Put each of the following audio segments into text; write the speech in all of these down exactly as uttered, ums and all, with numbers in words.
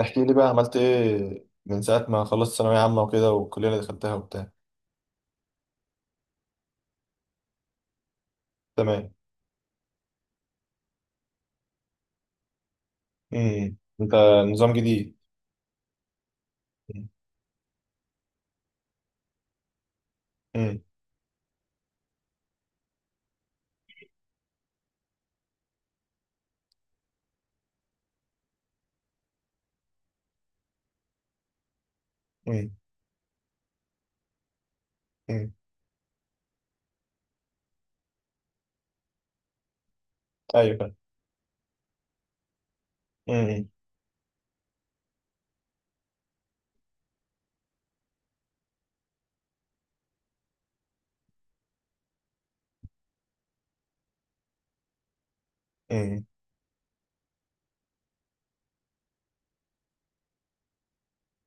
احكي لي بقى عملت ايه من ساعة ما خلصت ثانوية عامة وكده والكلية اللي دخلتها وبتاع. تمام. امم انت نظام جديد. امم امم امم ايوه فاهم. امم امم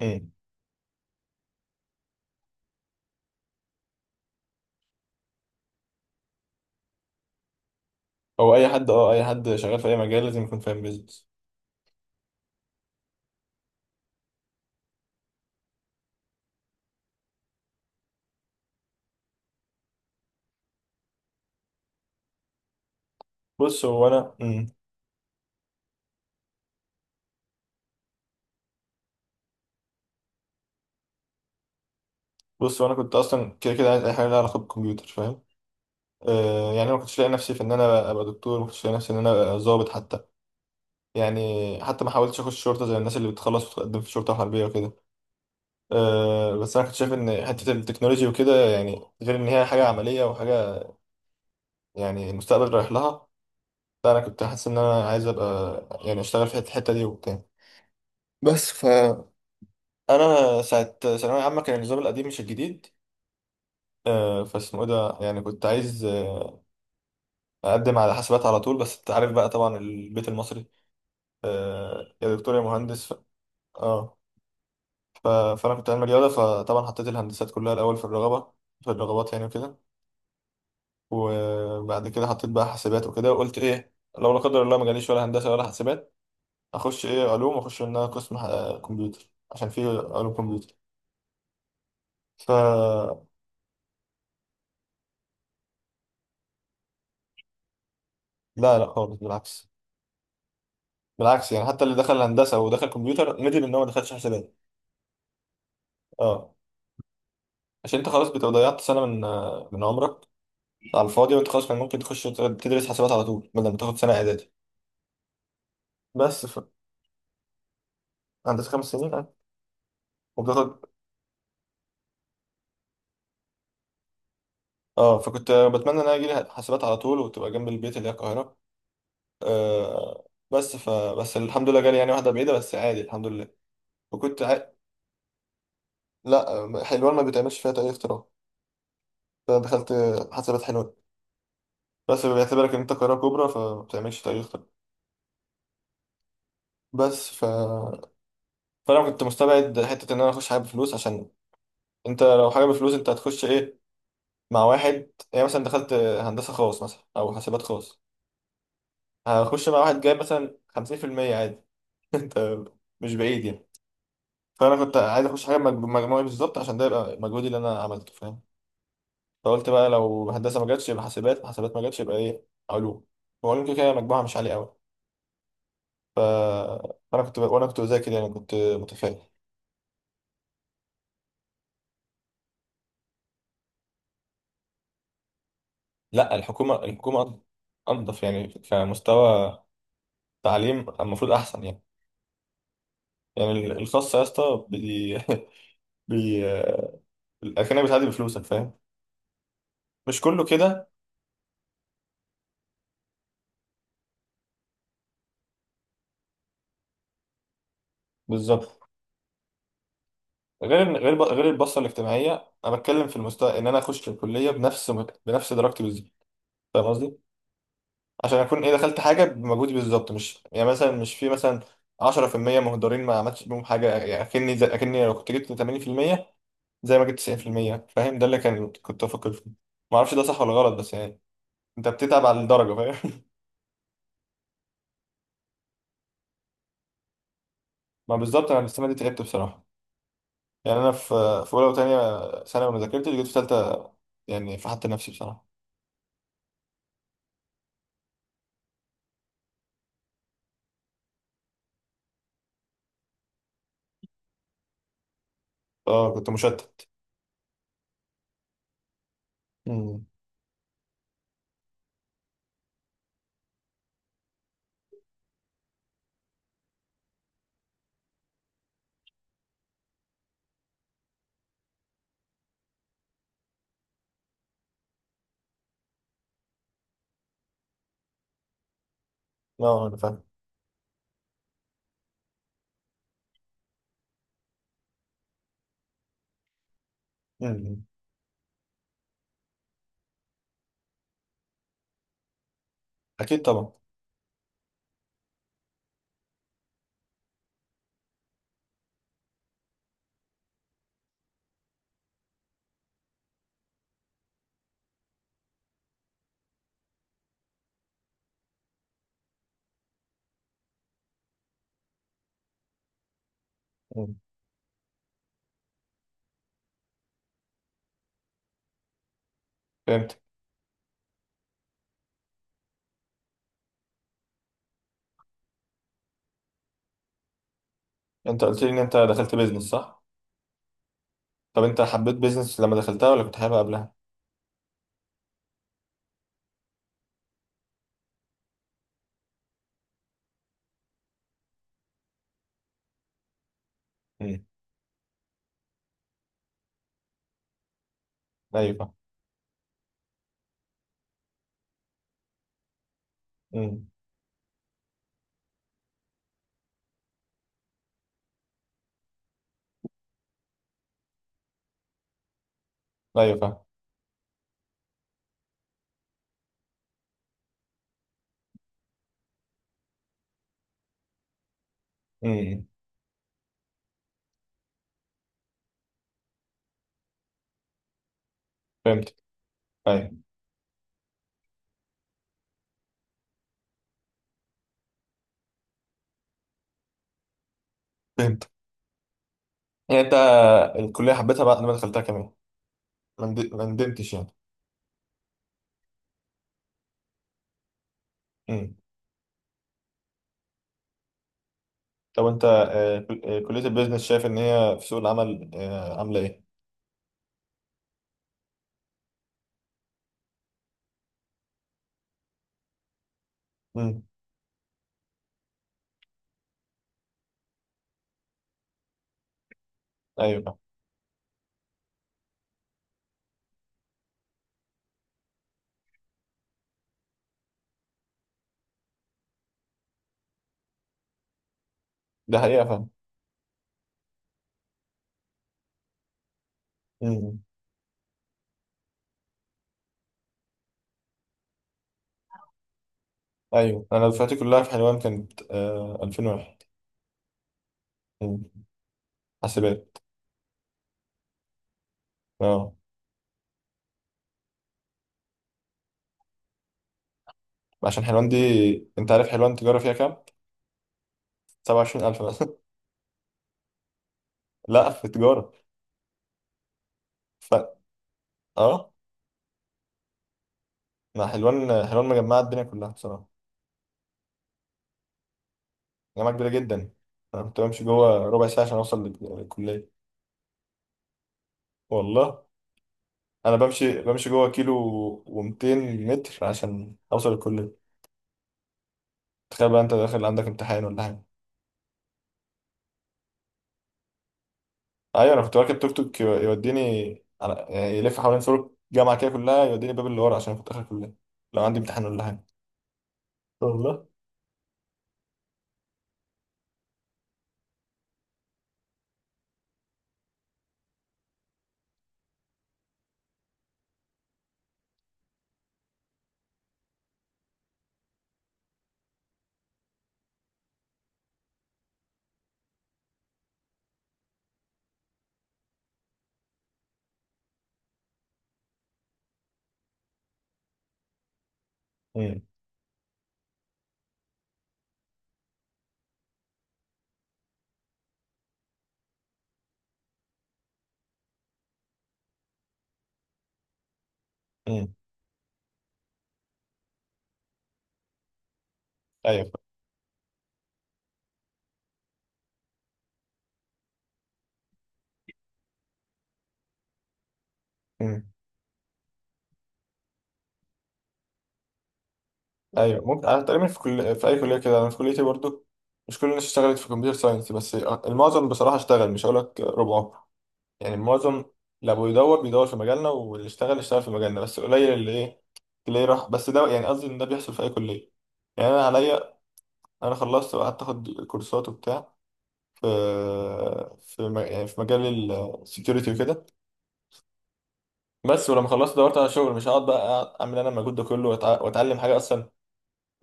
امم هو اي حد اه اي حد شغال في اي مجال لازم يكون فاهم بيزنس. بص هو انا امم بص هو انا كنت اصلا كده كده عايز اي حاجة لها علاقة بالكمبيوتر، فاهم؟ آه يعني أنا ما كنتش لاقي نفسي في ان انا ابقى دكتور، ما كنتش لاقي نفسي ان انا ابقى ضابط حتى، يعني حتى ما حاولتش اخش شرطة زي الناس اللي بتخلص وتقدم في شرطة حربية وكده. أه بس انا كنت شايف ان حته التكنولوجي وكده، يعني غير ان هي حاجه عمليه وحاجه، يعني المستقبل رايح لها. لا انا كنت حاسس ان انا عايز ابقى، يعني اشتغل في الحته دي وبتاع. بس فانا ساعه ثانويه عامه كان النظام القديم مش الجديد. أه فاسمه ايه ده، يعني كنت عايز آه، اقدم على حاسبات على طول، بس انت عارف بقى طبعا البيت المصري، أه يا دكتور يا مهندس. ف... اه ف... فانا كنت علمي رياضه، فطبعا حطيت الهندسات كلها الاول في الرغبه في الرغبات يعني وكده. وبعد كده حطيت بقى حاسبات وكده، وقلت ايه لو لا قدر الله ما جاليش ولا هندسه ولا حاسبات اخش ايه علوم، واخش ان انا قسم ح- كمبيوتر، عشان في علوم كمبيوتر. ف لا، لا خالص، بالعكس. بالعكس يعني حتى اللي دخل هندسه ودخل كمبيوتر ندم ان هو ما دخلش حاسبات. اه عشان انت خلاص بتبقى ضيعت سنه من من عمرك على الفاضي، وانت خلاص كان ممكن تخش تدرس حاسبات على طول بدل ما تاخد سنه اعدادي. بس ف... هندسه خمس سنين اه. وبتاخد اه، فكنت بتمنى ان انا اجي حاسبات على طول وتبقى جنب البيت اللي هي القاهره. آه بس ف بس الحمد لله جالي يعني واحدة بعيدة، بس عادي الحمد لله. وكنت ع... لا آه، حلوان ما بتعملش فيها تأي اختراع. فدخلت آه، حسابات حلوان. بس بيعتبرك ان انت قاهرة كبرى فما بتعملش تأي اختراع. بس ف فانا كنت مستبعد حتة ان انا اخش حاجة بفلوس، عشان انت لو حاجة بفلوس انت هتخش ايه، مع واحد يعني مثلا دخلت آه، هندسة خاص مثلا او حاسبات خاص، هخش مع واحد جايب مثلا خمسين في المية عادي. انت مش بعيد يعني. فانا كنت عايز اخش حاجة بمجموعي بالظبط، عشان ده يبقى مجهودي اللي انا عملته، فاهم؟ فقلت بقى لو هندسه ما جاتش يبقى حاسبات، حاسبات ما جاتش يبقى ايه علوم. وعلوم كده كده مجموعها مش عالي قوي. ف... فانا كنت ب... وانا كنت بذاكر يعني، كنت متفائل. لا الحكومه الحكومه انضف، يعني كمستوى تعليم المفروض احسن يعني. يعني ال- الخاص يا اسطى بي... بي... الاكاديميه بتعدي بفلوسك، فاهم؟ مش كله كده. بالظبط. غير إن- غير ب- غير البصه الاجتماعيه، انا بتكلم في المستوى ان انا اخش الكليه بنفس بنفس درجتي بالظبط، فاهم قصدي؟ عشان اكون ايه، دخلت حاجه بمجهودي بالظبط، مش يعني مثلا مش في مثلا عشرة في المية مهدرين ما عملتش بيهم حاجه يعني، اكني زي اكني لو كنت جبت ثمانين في المية زي ما جبت تسعين في المية، فاهم؟ ده اللي كان كنت بفكر فيه. ما اعرفش ده صح ولا غلط، بس يعني انت بتتعب على الدرجه، فاهم؟ ما بالظبط، انا السنه دي تعبت بصراحه. يعني انا في في اولى وثانيه ثانوي ما ذاكرتش، جيت في ثالثه يعني فحت نفسي بصراحه. اه كنت مشتت. امم اه انا فاهم. امم اكيد طبعا. امم فهمت. انت قلت لي ان انت دخلت بيزنس صح؟ طب انت حبيت بيزنس لما دخلتها ولا كنت حاببها قبلها؟ امم ايوه فاهم. امم ايوه فاهم. امم فهمت. ايوه فهمت. يعني انت الكليه حبيتها بعد ما دخلتها كمان، ما ند- ما ندمتش يعني. امم طب انت آه، كل- آه، كليه البيزنس شايف ان هي في سوق العمل آه، عامله ايه؟ امم ايوه فاهم. ده حقيقه فاهم. امم ايوه، انا دفعتي كلها في حلوان كانت آه، الفين وواحد. امم حاسبات اه. عشان حلوان دي، انت عارف حلوان تجاره فيها كام؟ سبعة وعشرين الف مثلا. لا في تجاره. ف... اه ما حلوان، حلوان مجمعة الدنيا كلها بصراحة. جامعة كبيرة جدا. أنا كنت بمشي جوه ربع ساعة عشان أوصل لل- للكلية. والله أنا بمشي بمشي جوه كيلو ومتين متر عشان أوصل الكلية. تخيل بقى أنت داخل عندك امتحان ولا حاجة. أيوة أنا كنت راكب توك توك يو- يوديني على، يعني يلف حوالين سور الجامعة كده كلها، يوديني باب اللي ورا، عشان كنت آخر الكلية لو عندي امتحان ولا حاجة. والله. امم امم أيوة. ايوه ممكن. انا تقريبا في كل، في اي كليه كده، انا في كليتي برضو مش كل الناس اشتغلت في كمبيوتر ساينس، بس آه، المعظم بصراحه اشتغل، مش هقول لك ربعه، يعني المعظم. لو بيدور بيدور في مجالنا، واللي اشتغل اشتغل في مجالنا، بس قليل اللي ايه اللي راح. بس ده يعني قصدي ان ده بيحصل في اي كليه. يعني انا عليا، انا خلصت وقعدت اخد كورسات وبتاع في في م- يعني في مجال السكيورتي وكده. بس ولما خلصت دورت على شغل، مش هقعد بقى أقعد اعمل انا المجهود ده كله وأتع- واتعلم حاجه اصلا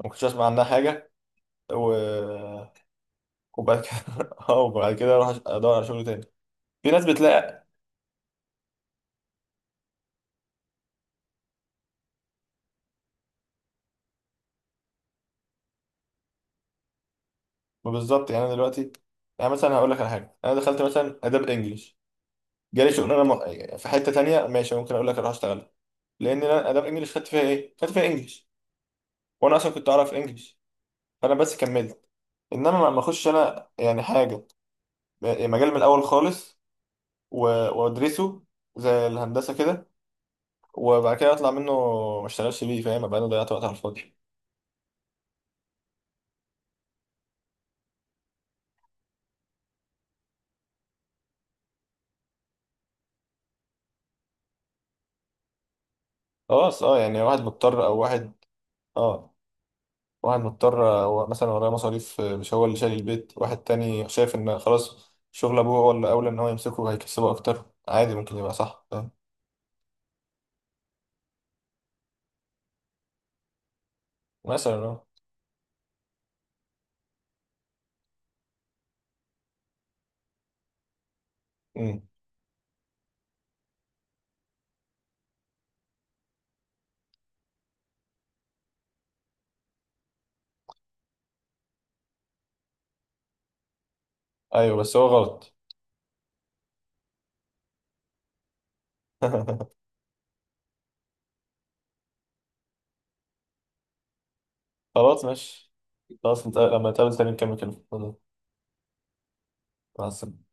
ما كنتش اسمع عنها حاجه، و وبعد كده اه وبعد كده اروح أش- ادور على شغل تاني. في ناس بتلاقي. ما بالظبط، يعني انا دلوقتي يعني مثلا هقول لك على حاجه، انا دخلت مثلا اداب انجلش، جالي شغلانه م- يعني في حته تانية ماشي، ممكن اقول لك اروح اشتغل، لان انا اداب انجلش خدت فيها ايه، خدت فيها انجلش، وانا اصلا كنت اعرف انجلش، فانا بس كملت. انما ما اخش انا يعني حاجه، م- يعني مجال من الاول خالص، و- وادرسه زي الهندسه كده، وبعد كده اطلع منه ما اشتغلش بيه، فاهم؟ ابقى انا ضيعت وقت على الفاضي. خلاص اه، يعني واحد مضطر او واحد، اه واحد مضطر، هو مثلا وراه مصاريف، آه، مش هو اللي شايل البيت، واحد تاني شايف ان خلاص شغل ابوه هو اللي اولى ان هو يمسكه، هيكسبه اكتر، عادي ممكن يبقى صح فاهم. مثلا اه. امم ايوه بس هو غلط. خلاص ماشي، خلاص نتقابل- لما نتقابل تاني نكمل كلام. مع السلامة.